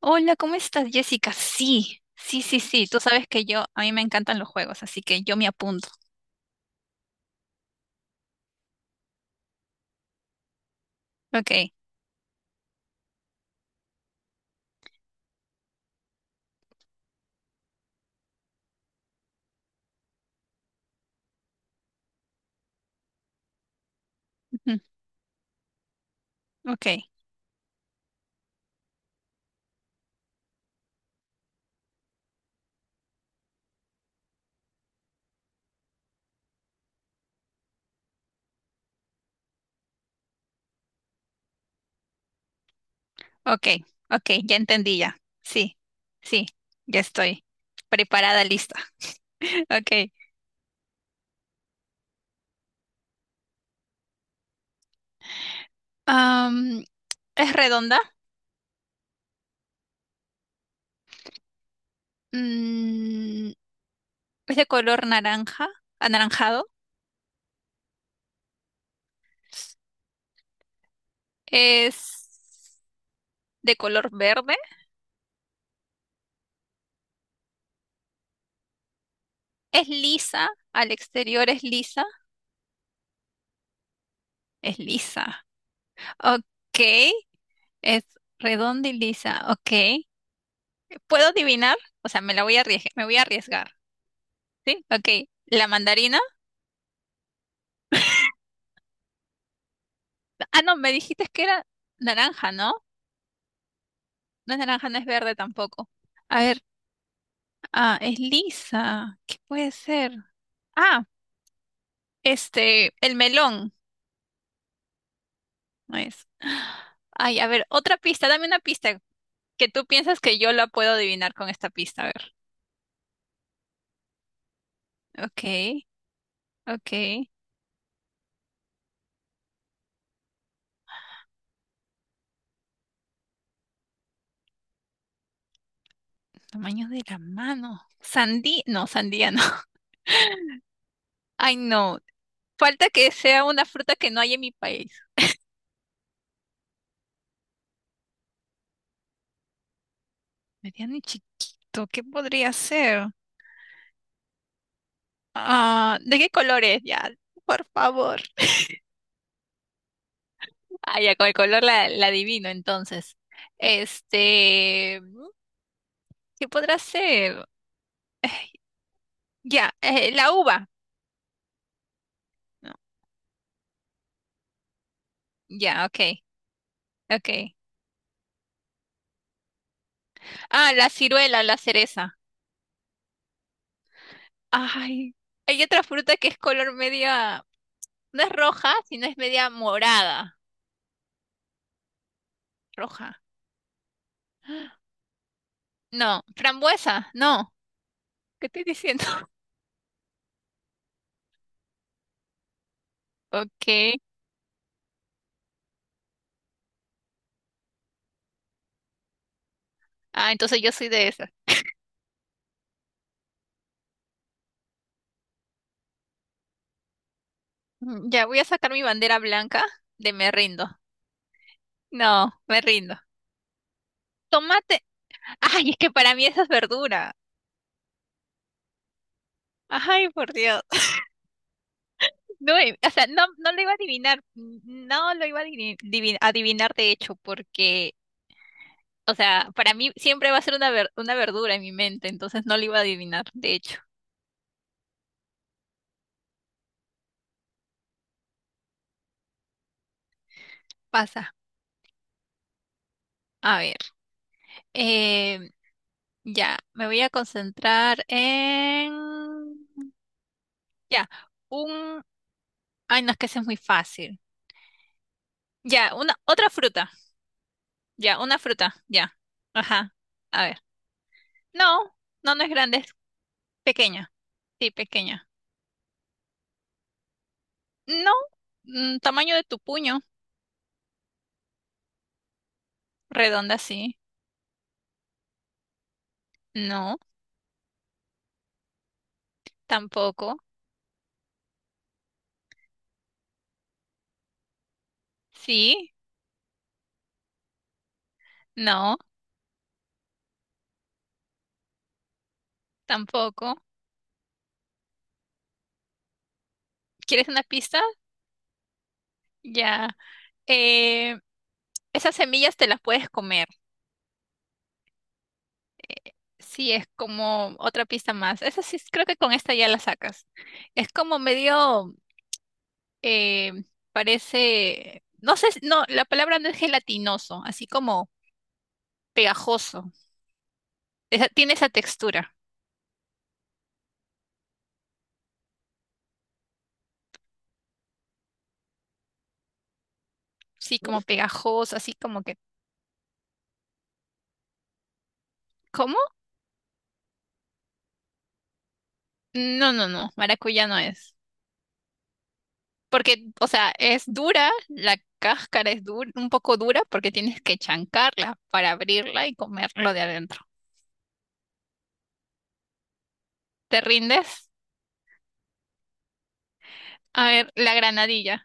Hola, ¿cómo estás, Jessica? Sí, sí, sí, sí. Tú sabes que yo, a mí me encantan los juegos, así que yo me apunto. Ok, ujú, ok, ok, ok, ya entendí ya. Sí, sí, ya estoy preparada, lista. Ok. Am, ¿Es redonda? Mm, ¿Es de color naranja, anaranjado? ¿Es de color verde? ¿Es lisa? ¿Al exterior es lisa? Es lisa. Ok. Es redonda y lisa, ok. ¿Puedo adivinar? O sea, me la voy a arriesgar, me voy a arriesgar, ¿sí? Ok. ¿La mandarina? Ah, no, me dijiste que era naranja, ¿no? No es naranja, no es verde tampoco. A ver, ah, es lisa. ¿Qué puede ser? Ah, este, el melón, no es. Ay, a ver, otra pista, dame una pista que tú piensas que yo la puedo adivinar con esta pista, a ver. Ok, ok. Tamaño de la mano. Sandía, no, sandía no. Ay, no. Falta que sea una fruta que no hay en mi país. Mediano y chiquito, ¿qué podría ser? Ah, ¿de qué color es? Ya, por favor. Ah, ya, con el color la adivino, entonces. Este, ¿qué podrá ser? Ya, la uva. No, ya, ok, ok. Ah, la ciruela, la cereza. Ay, hay otra fruta que es color media, no es roja, sino es media morada. Roja. No, frambuesa, no. ¿Qué estoy diciendo? Ok, ah, entonces yo soy de esas. Ya voy a sacar mi bandera blanca de me rindo. No, me rindo. Tomate. Ay, es que para mí esa es verdura. Ay, por Dios. No, o sea, no, no lo iba a adivinar. No lo iba a adivinar, de hecho, porque, o sea, para mí siempre va a ser una, una verdura en mi mente, entonces no lo iba a adivinar, de hecho. Pasa. A ver. em, ya, me voy a concentrar en... ya, un... Ay, no, es que ese es muy fácil. Ya, una, otra fruta. Ya, una fruta. Ya. Ajá. A ver. No, no, no es grande, es pequeña. Sí, pequeña. No, tamaño de tu puño. Redonda, sí. No, tampoco. Sí, no, tampoco. ¿Quieres una pista? Ya. Eh, esas semillas te las puedes comer. Sí, es como otra pista más. Esa sí, creo que con esta ya la sacas. Es como medio eh, parece, no sé, no, la palabra no es gelatinoso, así como pegajoso. Tiene esa textura, sí, como pegajoso, así como que, ¿cómo? No, no, no, maracuyá no es. Porque, o sea, es dura, la cáscara es dura, un poco dura porque tienes que chancarla para abrirla y comerlo de adentro. ¿Te rindes? A ver, la granadilla.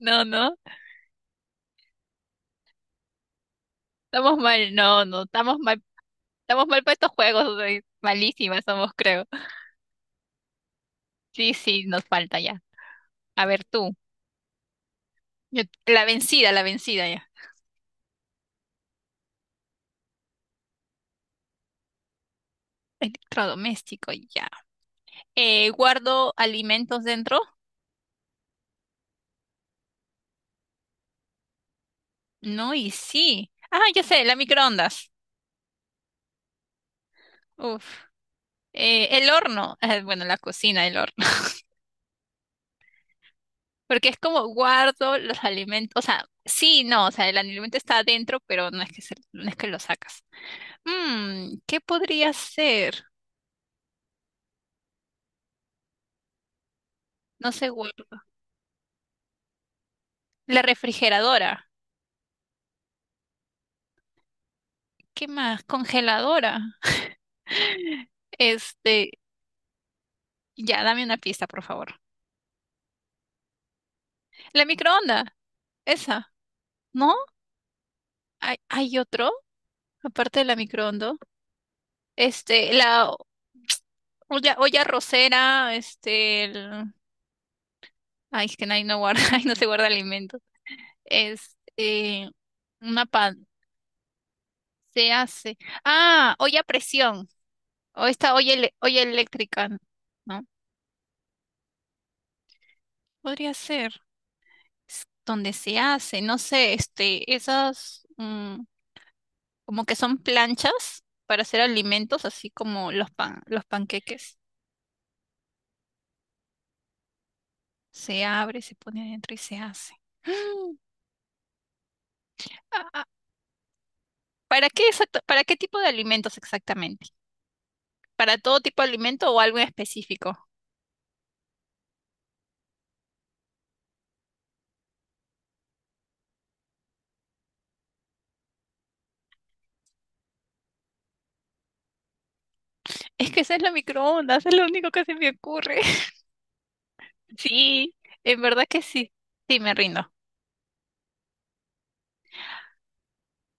No, no, estamos mal, no, no, estamos mal para estos juegos, o sea, malísimas somos, creo. Sí, sí, nos falta ya. A ver tú, la vencida ya. Electrodoméstico, ya. ¿Guardo alimentos dentro? No, y sí. Ah, ya sé, la microondas. Uf. El horno, bueno, la cocina, el horno. Porque es como guardo los alimentos, o sea, sí, no, o sea, el alimento está adentro, pero no es que, no es que lo sacas. ¿Qué podría ser? No sé, guardo. La refrigeradora. ¿Qué más? Congeladora. Este, ya, dame una pista, por favor. La microonda, esa, ¿no? ¿Hay, hay otro, aparte de la microonda? Este, la olla, olla arrocera, este, el... Ay, es que ahí no guarda, ahí no se guarda alimentos. Este, una pan, se hace. Ah, olla a presión, o esta olla, olla eléctrica, ¿no? Podría ser, es donde se hace, no sé, este, esas... como que son planchas para hacer alimentos, así como los pan, los panqueques. Se abre, se pone adentro y se hace. ¡Ah! Ah, ¿para qué exacto? ¿Para qué tipo de alimentos exactamente? ¿Para todo tipo de alimento o algo en específico? Es que esa es la microondas, es lo único que se me ocurre. Sí, en verdad que sí. Sí, me rindo.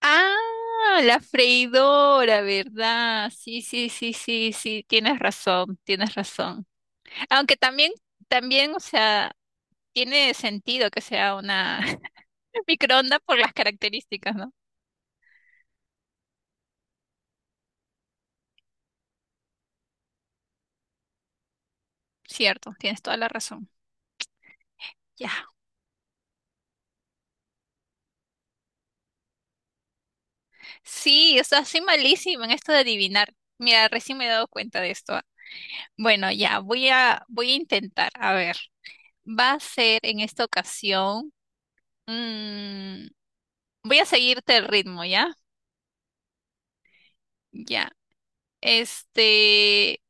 Ah, la freidora, ¿verdad? Sí, sí, sí, sí, sí, tienes razón, tienes razón. Aunque también, también, o sea, tiene sentido que sea una microonda por las características, ¿no? Cierto, tienes toda la razón. Ya. Sí, o sea, soy malísima en esto de adivinar. Mira, recién me he dado cuenta de esto. Bueno, ya, voy a, voy a intentar. A ver, va a ser en esta ocasión. mm, voy a seguirte el ritmo, ¿ya? Ya. Este,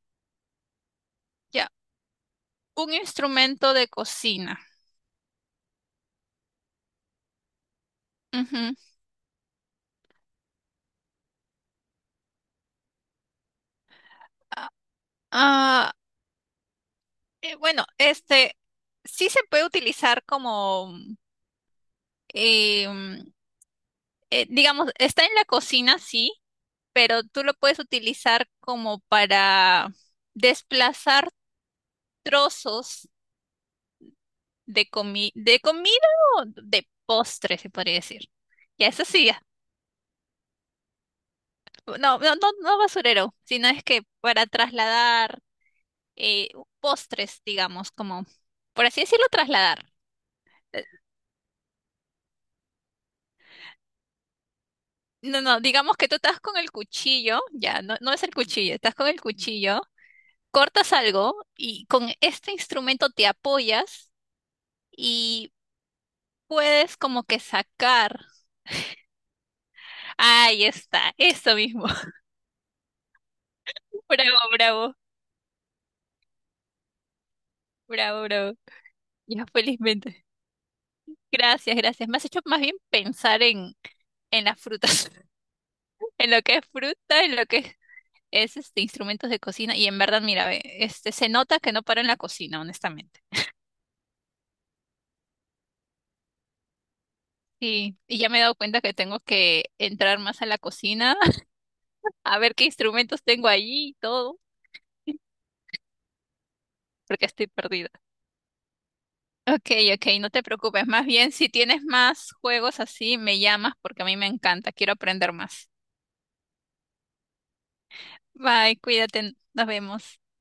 ya, un instrumento de cocina. Ujú. Ah, eh, bueno, este sí se puede utilizar como, eh, mm, digamos, está en la cocina, sí, pero tú lo puedes utilizar como para desplazar trozos de de comida o de postre, se podría decir. Ya, eso sí, ya. No, no, no, no basurero, sino es que para trasladar eh, postres, digamos, como, por así decirlo, trasladar. No, no, digamos que tú estás con el cuchillo, ya, no, no es el cuchillo, estás con el cuchillo, cortas algo y con este instrumento te apoyas y puedes como que sacar. Ahí está, eso mismo. Bravo, bravo, bravo, bravo. Ya, felizmente. Gracias, gracias. Me has hecho más bien pensar en las frutas, en lo que es fruta, en lo que es, este, instrumentos de cocina. Y en verdad, mira, ve, este, se nota que no paro en la cocina, honestamente. Sí, y ya me he dado cuenta que tengo que entrar más a la cocina, a ver qué instrumentos tengo allí y todo, porque estoy perdida. Ok, ok, no te preocupes. Más bien, si tienes más juegos así, me llamas porque a mí me encanta. Quiero aprender más. Bye, cuídate, nos vemos.